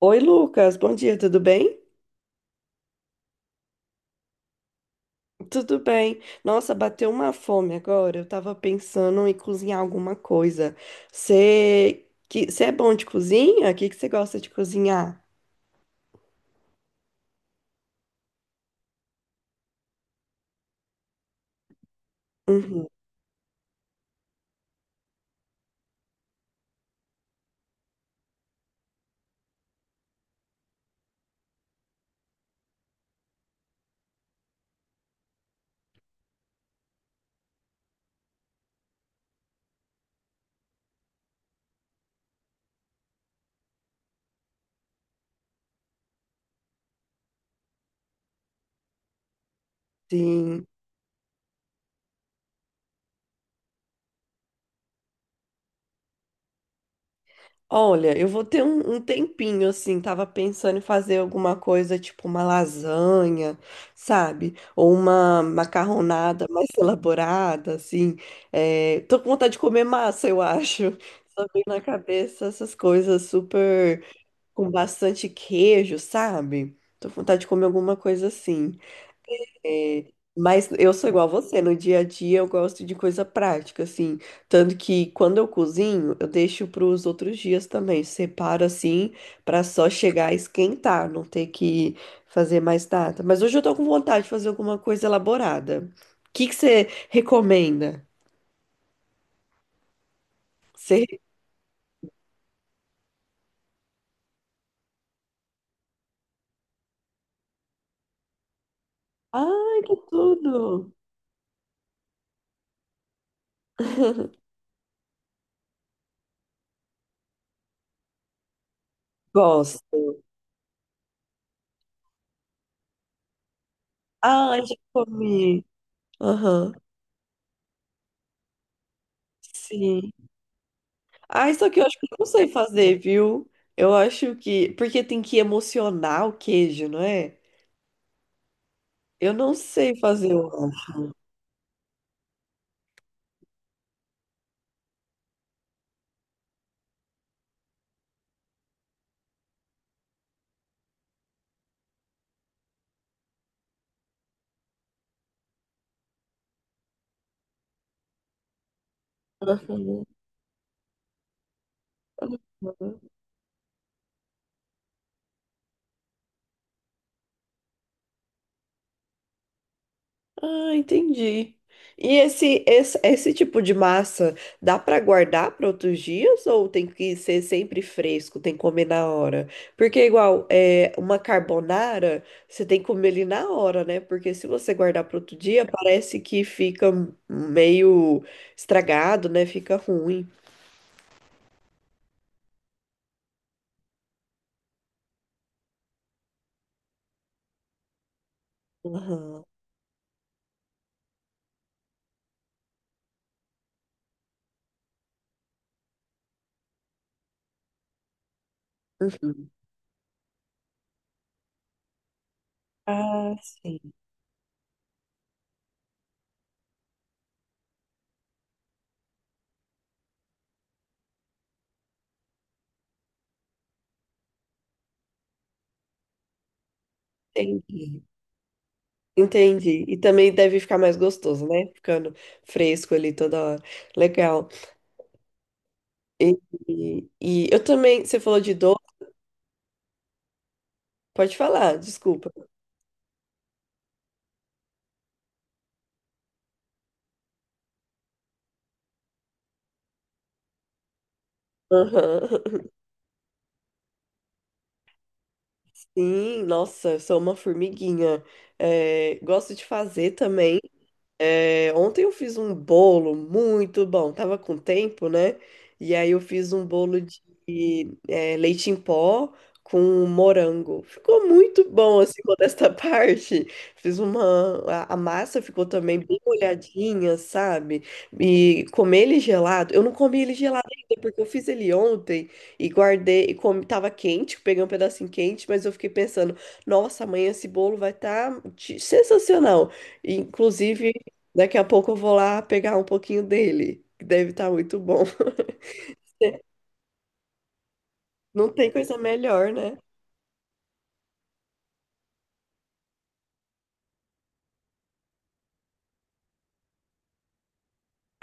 Oi, Lucas, bom dia, tudo bem? Tudo bem. Nossa, bateu uma fome agora. Eu tava pensando em cozinhar alguma coisa. Você que você é bom de cozinha? O que que você gosta de cozinhar? Uhum, sim. Olha, eu vou ter um tempinho assim. Tava pensando em fazer alguma coisa tipo uma lasanha, sabe? Ou uma macarronada mais elaborada, assim. É, tô com vontade de comer massa, eu acho. Só vem na cabeça essas coisas super com bastante queijo, sabe? Tô com vontade de comer alguma coisa assim. É, mas eu sou igual a você, no dia a dia eu gosto de coisa prática, assim. Tanto que quando eu cozinho, eu deixo para os outros dias também. Separo assim, para só chegar a esquentar, não ter que fazer mais nada. Mas hoje eu tô com vontade de fazer alguma coisa elaborada. O que que você recomenda? Você... Ai, que tudo! Gosto. Ai, já comi. Aham. Sim. Ah, isso aqui eu acho que eu não sei fazer, viu? Eu acho que. Porque tem que emocionar o queijo, não é? Eu não sei fazer o. Ah, entendi. E esse tipo de massa dá para guardar para outros dias ou tem que ser sempre fresco, tem que comer na hora? Porque igual é uma carbonara, você tem que comer ele na hora, né? Porque se você guardar para outro dia, parece que fica meio estragado, né? Fica ruim. Aham. Uhum. Ah, sim. Entendi. Entendi. E também deve ficar mais gostoso, né? Ficando fresco ali toda hora. Legal. E, e eu também, você falou de doce, pode falar, desculpa. Aham. Sim, nossa, eu sou uma formiguinha. É, gosto de fazer também. É, ontem eu fiz um bolo muito bom, tava com tempo, né? E aí eu fiz um bolo de leite em pó com morango. Ficou muito bom, assim, modesta parte. Fiz uma. A massa ficou também bem molhadinha, sabe? E comer ele gelado. Eu não comi ele gelado ainda, porque eu fiz ele ontem e guardei. E comi, tava quente, peguei um pedacinho quente, mas eu fiquei pensando, nossa, amanhã esse bolo vai estar sensacional. Inclusive. Daqui a pouco eu vou lá pegar um pouquinho dele, que deve estar muito bom. Não tem coisa melhor, né?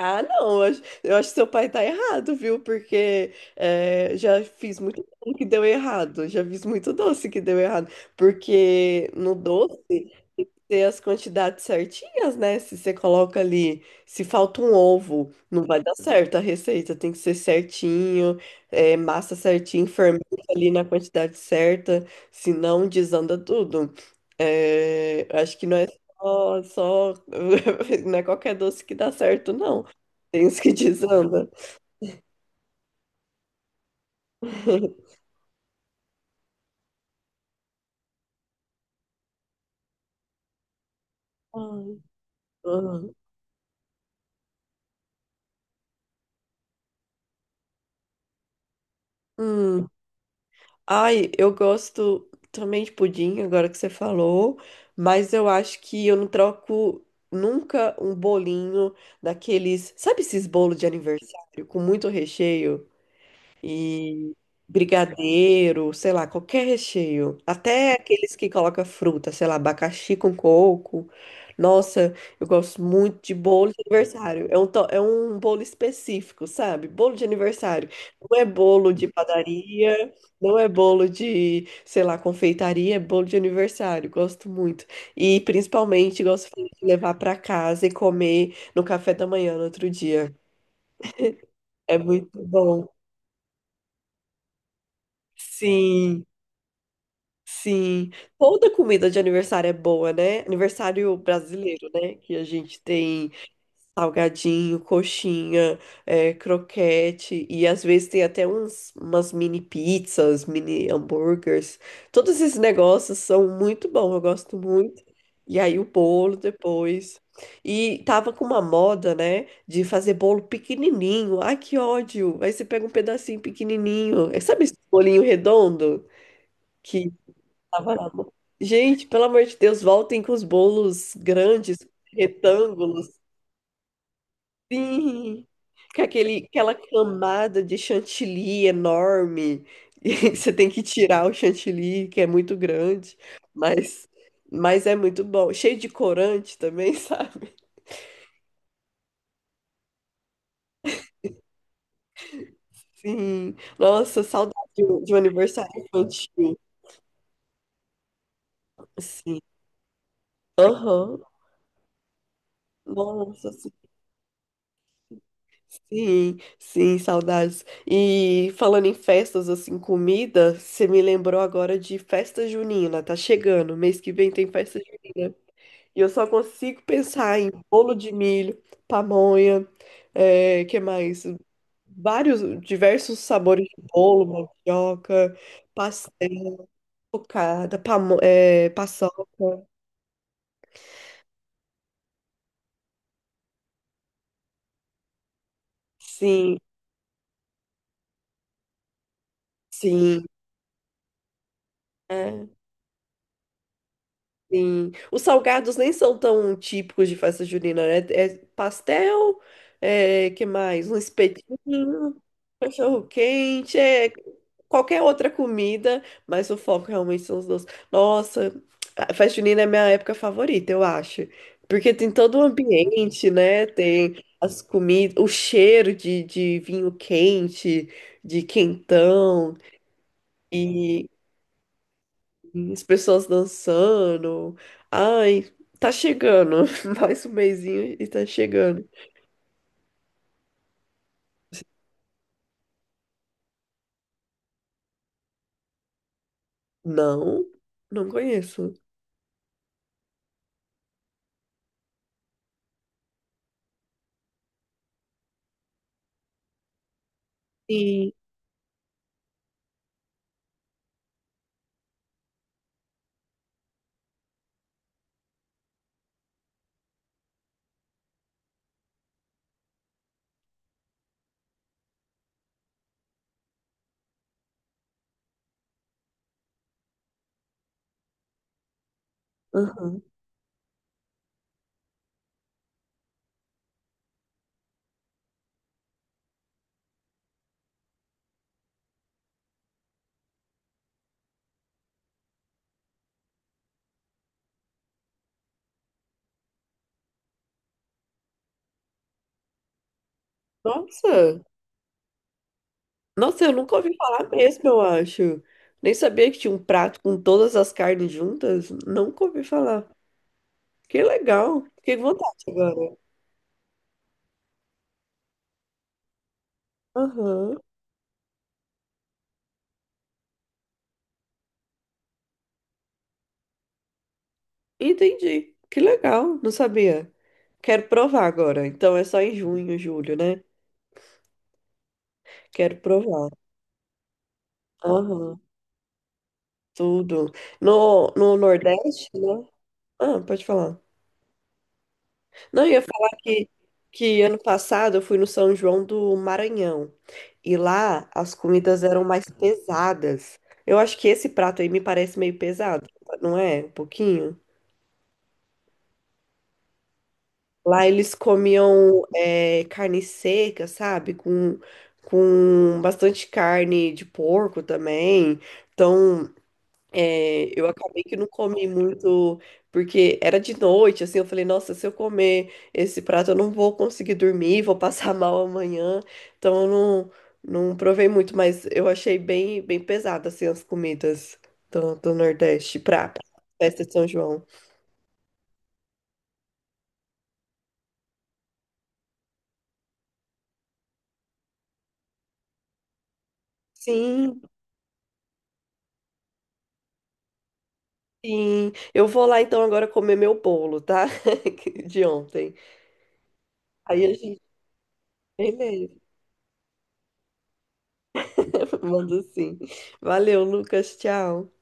Ah, não, eu acho que seu pai tá errado, viu? Porque é, já fiz muito doce que deu errado, já fiz muito doce que deu errado. Porque no doce, ter as quantidades certinhas, né? Se você coloca ali, se falta um ovo, não vai dar certo a receita, tem que ser certinho, é, massa certinho, fermenta ali na quantidade certa, senão desanda tudo. É, acho que não é só, só- não é qualquer doce que dá certo, não. Tem os que desanda. Ai, ai. Hum. Ai, eu gosto também de pudim, agora que você falou, mas eu acho que eu não troco nunca um bolinho daqueles, sabe esses bolos de aniversário com muito recheio? E brigadeiro, sei lá, qualquer recheio. Até aqueles que colocam fruta, sei lá, abacaxi com coco. Nossa, eu gosto muito de bolo de aniversário. É é um bolo específico, sabe? Bolo de aniversário. Não é bolo de padaria, não é bolo de, sei lá, confeitaria, é bolo de aniversário. Gosto muito. E principalmente gosto de levar para casa e comer no café da manhã no outro dia. É muito bom. Sim. Sim, toda comida de aniversário é boa, né? Aniversário brasileiro, né? Que a gente tem salgadinho, coxinha, é, croquete e às vezes tem até uns, umas mini pizzas, mini hambúrgueres. Todos esses negócios são muito bons, eu gosto muito. E aí o bolo depois. E tava com uma moda, né? De fazer bolo pequenininho. Ai, que ódio! Aí você pega um pedacinho pequenininho. Sabe esse bolinho redondo? Tava lá. Gente, pelo amor de Deus, voltem com os bolos grandes, retângulos. Sim, com aquela camada de chantilly enorme. E você tem que tirar o chantilly, que é muito grande, mas, mas é muito bom. Cheio de corante também, sabe? Sim. Nossa, saudade de um aniversário infantil. Sim. Aham. Nossa, sim, sim, saudades. E falando em festas, assim, comida, você me lembrou agora de festa junina, tá chegando. Mês que vem tem festa junina. E eu só consigo pensar em bolo de milho, pamonha, é, que mais? Vários, diversos sabores de bolo, mandioca, pastel, cocada, pamo, é, paçoca. Sim, sim. É. Sim. Os salgados nem são tão típicos de festa junina, né? É pastel, é, que mais? Um espetinho, cachorro-quente, é qualquer outra comida, mas o foco realmente são os doces. Nossa, a festa junina é minha época favorita, eu acho. Porque tem todo o ambiente, né? Tem as comidas, o cheiro de vinho quente, de quentão. E as pessoas dançando. Ai, tá chegando. Mais um mesinho e tá chegando. Não, não conheço. Sim. Aham. Nossa, nossa, eu nunca ouvi falar mesmo, eu acho. Nem sabia que tinha um prato com todas as carnes juntas. Nunca ouvi falar. Que legal. Fiquei com vontade agora. Aham. Entendi. Que legal. Não sabia. Quero provar agora. Então é só em junho, julho, né? Quero provar. Aham. Tudo. No Nordeste, né? Ah, pode falar. Não, eu ia falar que ano passado eu fui no São João do Maranhão. E lá as comidas eram mais pesadas. Eu acho que esse prato aí me parece meio pesado, não é? Um pouquinho. Lá eles comiam é, carne seca, sabe? Com bastante carne de porco também. Então, é, eu acabei que não comi muito, porque era de noite, assim, eu falei, nossa, se eu comer esse prato, eu não vou conseguir dormir, vou passar mal amanhã, então eu não provei muito, mas eu achei bem pesado, assim, as comidas do Nordeste pra festa de São João. Sim, sim, eu vou lá então agora comer meu bolo, tá? De ontem. Aí a gente, beleza, mando sim. Valeu, Lucas, tchau.